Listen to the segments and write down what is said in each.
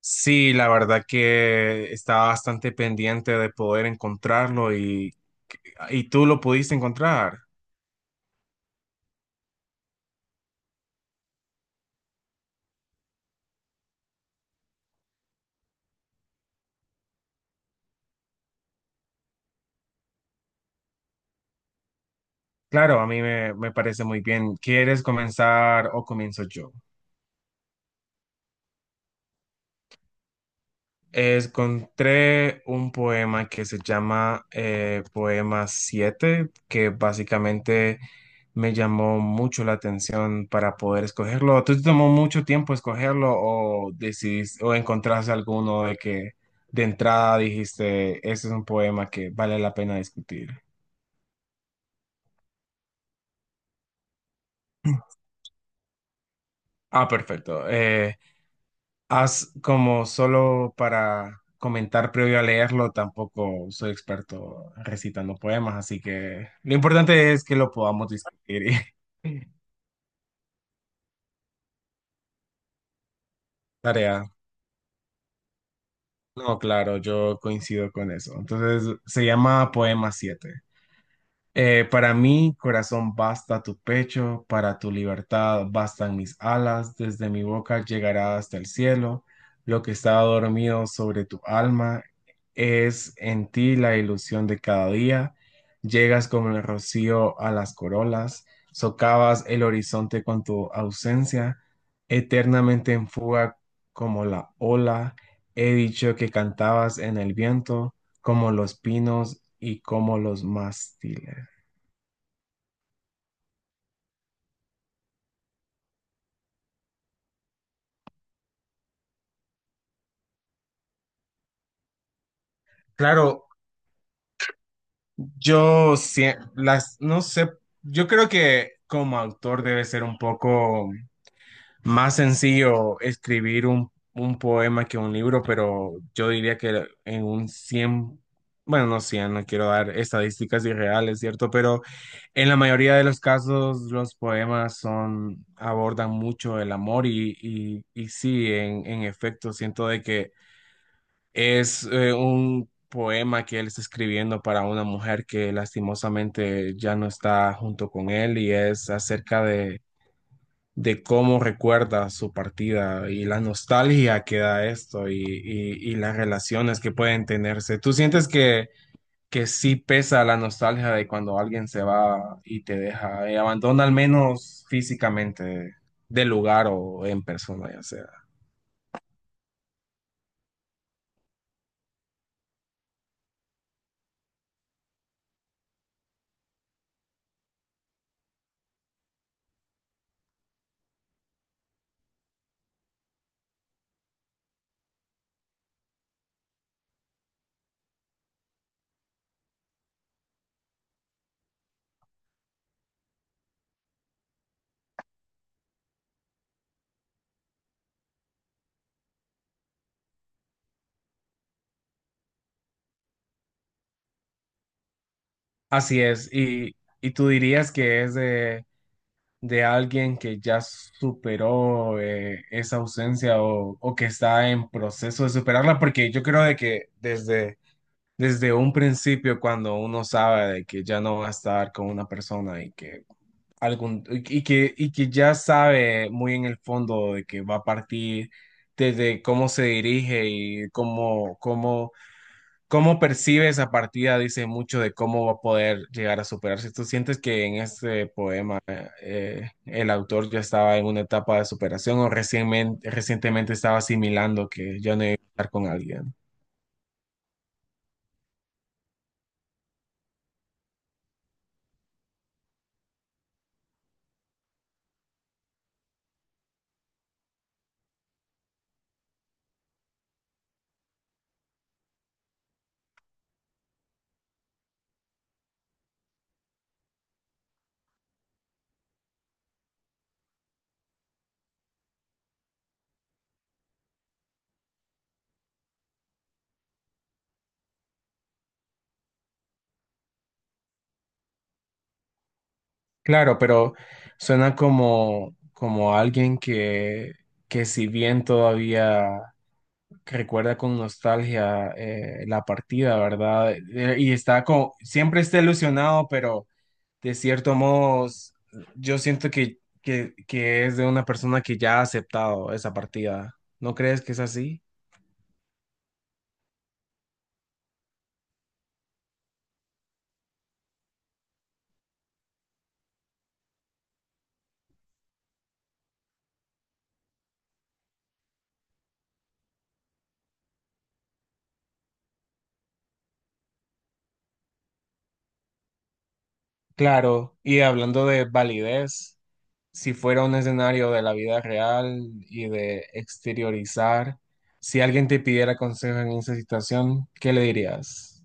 Sí, la verdad que estaba bastante pendiente de poder encontrarlo y tú lo pudiste encontrar. Claro, a mí me parece muy bien. ¿Quieres comenzar o comienzo yo? Encontré un poema que se llama Poema 7, que básicamente me llamó mucho la atención para poder escogerlo. ¿Tú te tomó mucho tiempo escogerlo o decidiste, o encontraste alguno de que de entrada dijiste, este es un poema que vale la pena discutir? Ah, perfecto. Haz como solo para comentar previo a leerlo, tampoco soy experto recitando poemas, así que lo importante es que lo podamos discutir. y- Tarea. No, claro, yo coincido con eso. Entonces, se llama Poema siete. Para mí, corazón, basta tu pecho, para tu libertad bastan mis alas, desde mi boca llegará hasta el cielo, lo que está dormido sobre tu alma es en ti la ilusión de cada día, llegas como el rocío a las corolas, socavas el horizonte con tu ausencia, eternamente en fuga como la ola, he dicho que cantabas en el viento, como los pinos y como los mástiles. Claro, yo sí, las, no sé, yo creo que como autor debe ser un poco más sencillo escribir un poema que un libro, pero yo diría que en un cien, bueno, no cien, no quiero dar estadísticas irreales, ¿cierto? Pero en la mayoría de los casos los poemas son, abordan mucho el amor y sí, en efecto, siento de que es un poema que él está escribiendo para una mujer que lastimosamente ya no está junto con él y es acerca de cómo recuerda su partida y la nostalgia que da esto y las relaciones que pueden tenerse. ¿Tú sientes que, sí pesa la nostalgia de cuando alguien se va y te deja y abandona al menos físicamente del lugar o en persona, ya sea? Así es. Y tú dirías que es de alguien que ya superó esa ausencia o que está en proceso de superarla, porque yo creo de que desde un principio, cuando uno sabe de que ya no va a estar con una persona y que y que ya sabe muy en el fondo de que va a partir desde cómo se dirige y ¿cómo percibe esa partida? Dice mucho de cómo va a poder llegar a superarse. ¿Tú sientes que en este poema el autor ya estaba en una etapa de superación o recientemente estaba asimilando que ya no iba a estar con alguien? Claro, pero suena como alguien que si bien todavía que recuerda con nostalgia la partida, ¿verdad? Y está como, siempre está ilusionado, pero de cierto modo yo siento que es de una persona que ya ha aceptado esa partida. ¿No crees que es así? Claro, y hablando de validez, si fuera un escenario de la vida real y de exteriorizar, si alguien te pidiera consejo en esa situación, ¿qué le dirías?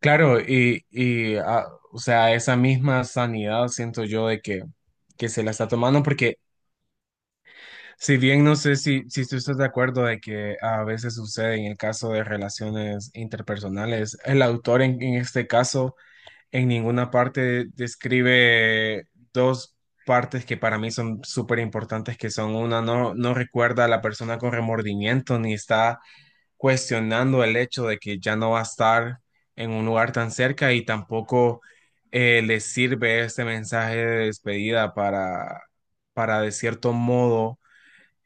Claro, y o sea, esa misma sanidad siento yo de que se la está tomando, porque si bien no sé si, tú estás de acuerdo de que a veces sucede en el caso de relaciones interpersonales, el autor en este caso en ninguna parte describe dos partes que para mí son súper importantes, que son una, no, no recuerda a la persona con remordimiento, ni está cuestionando el hecho de que ya no va a estar en un lugar tan cerca y tampoco le sirve este mensaje de despedida para de cierto modo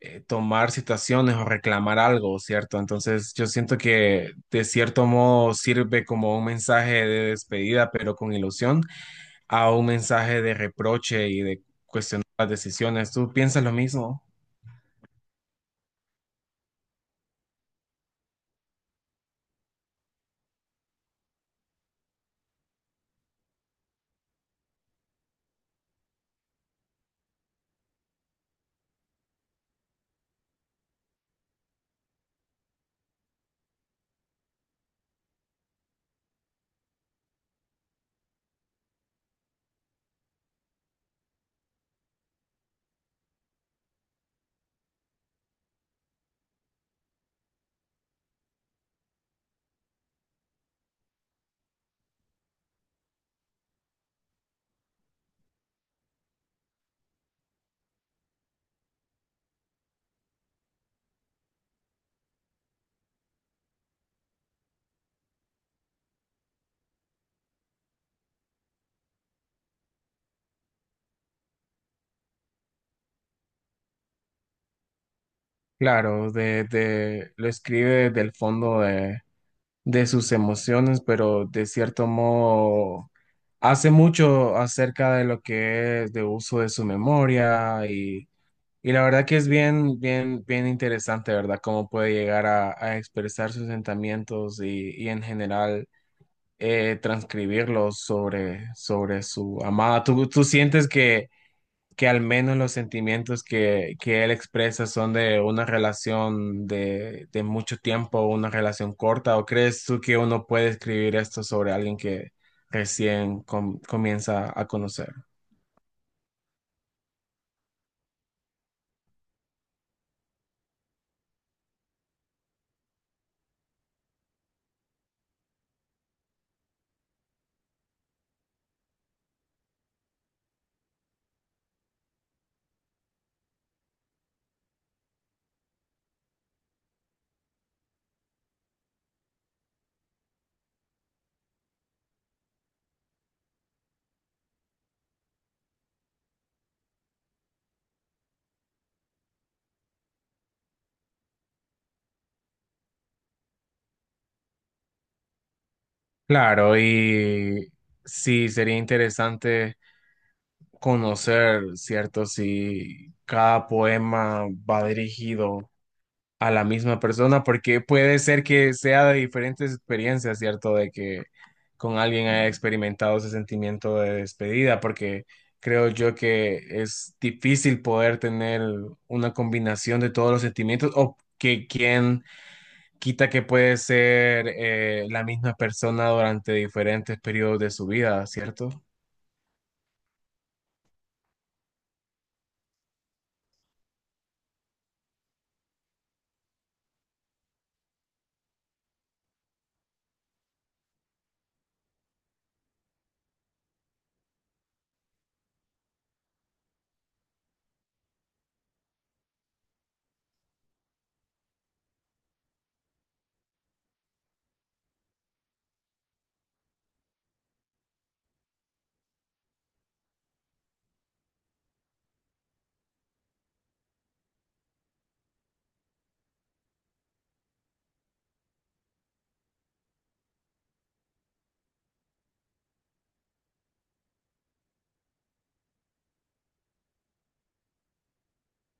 tomar situaciones o reclamar algo, ¿cierto? Entonces yo siento que de cierto modo sirve como un mensaje de despedida, pero con ilusión, a un mensaje de reproche y de cuestionar las decisiones. ¿Tú piensas lo mismo? Claro, lo escribe del fondo de sus emociones, pero de cierto modo hace mucho acerca de lo que es de uso de su memoria y la verdad que es bien, bien, bien interesante, ¿verdad? Cómo puede llegar a expresar sus sentimientos y en general transcribirlos sobre su amada. ¿Tú sientes que al menos los sentimientos que él expresa son de una relación de mucho tiempo, una relación corta? ¿O crees tú que uno puede escribir esto sobre alguien que recién comienza a conocer? Claro, y sí, sería interesante conocer, ¿cierto? Si cada poema va dirigido a la misma persona, porque puede ser que sea de diferentes experiencias, ¿cierto? De que con alguien haya experimentado ese sentimiento de despedida, porque creo yo que es difícil poder tener una combinación de todos los sentimientos o que quien quita que puede ser la misma persona durante diferentes periodos de su vida, ¿cierto?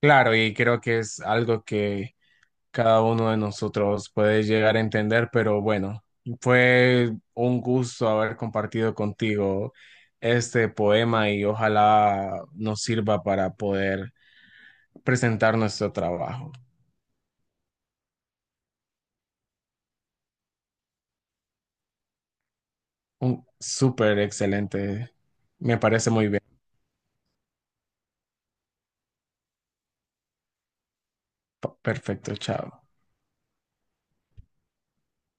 Claro, y creo que es algo que cada uno de nosotros puede llegar a entender, pero bueno, fue un gusto haber compartido contigo este poema y ojalá nos sirva para poder presentar nuestro trabajo. Un súper excelente, me parece muy bien. Perfecto, chao.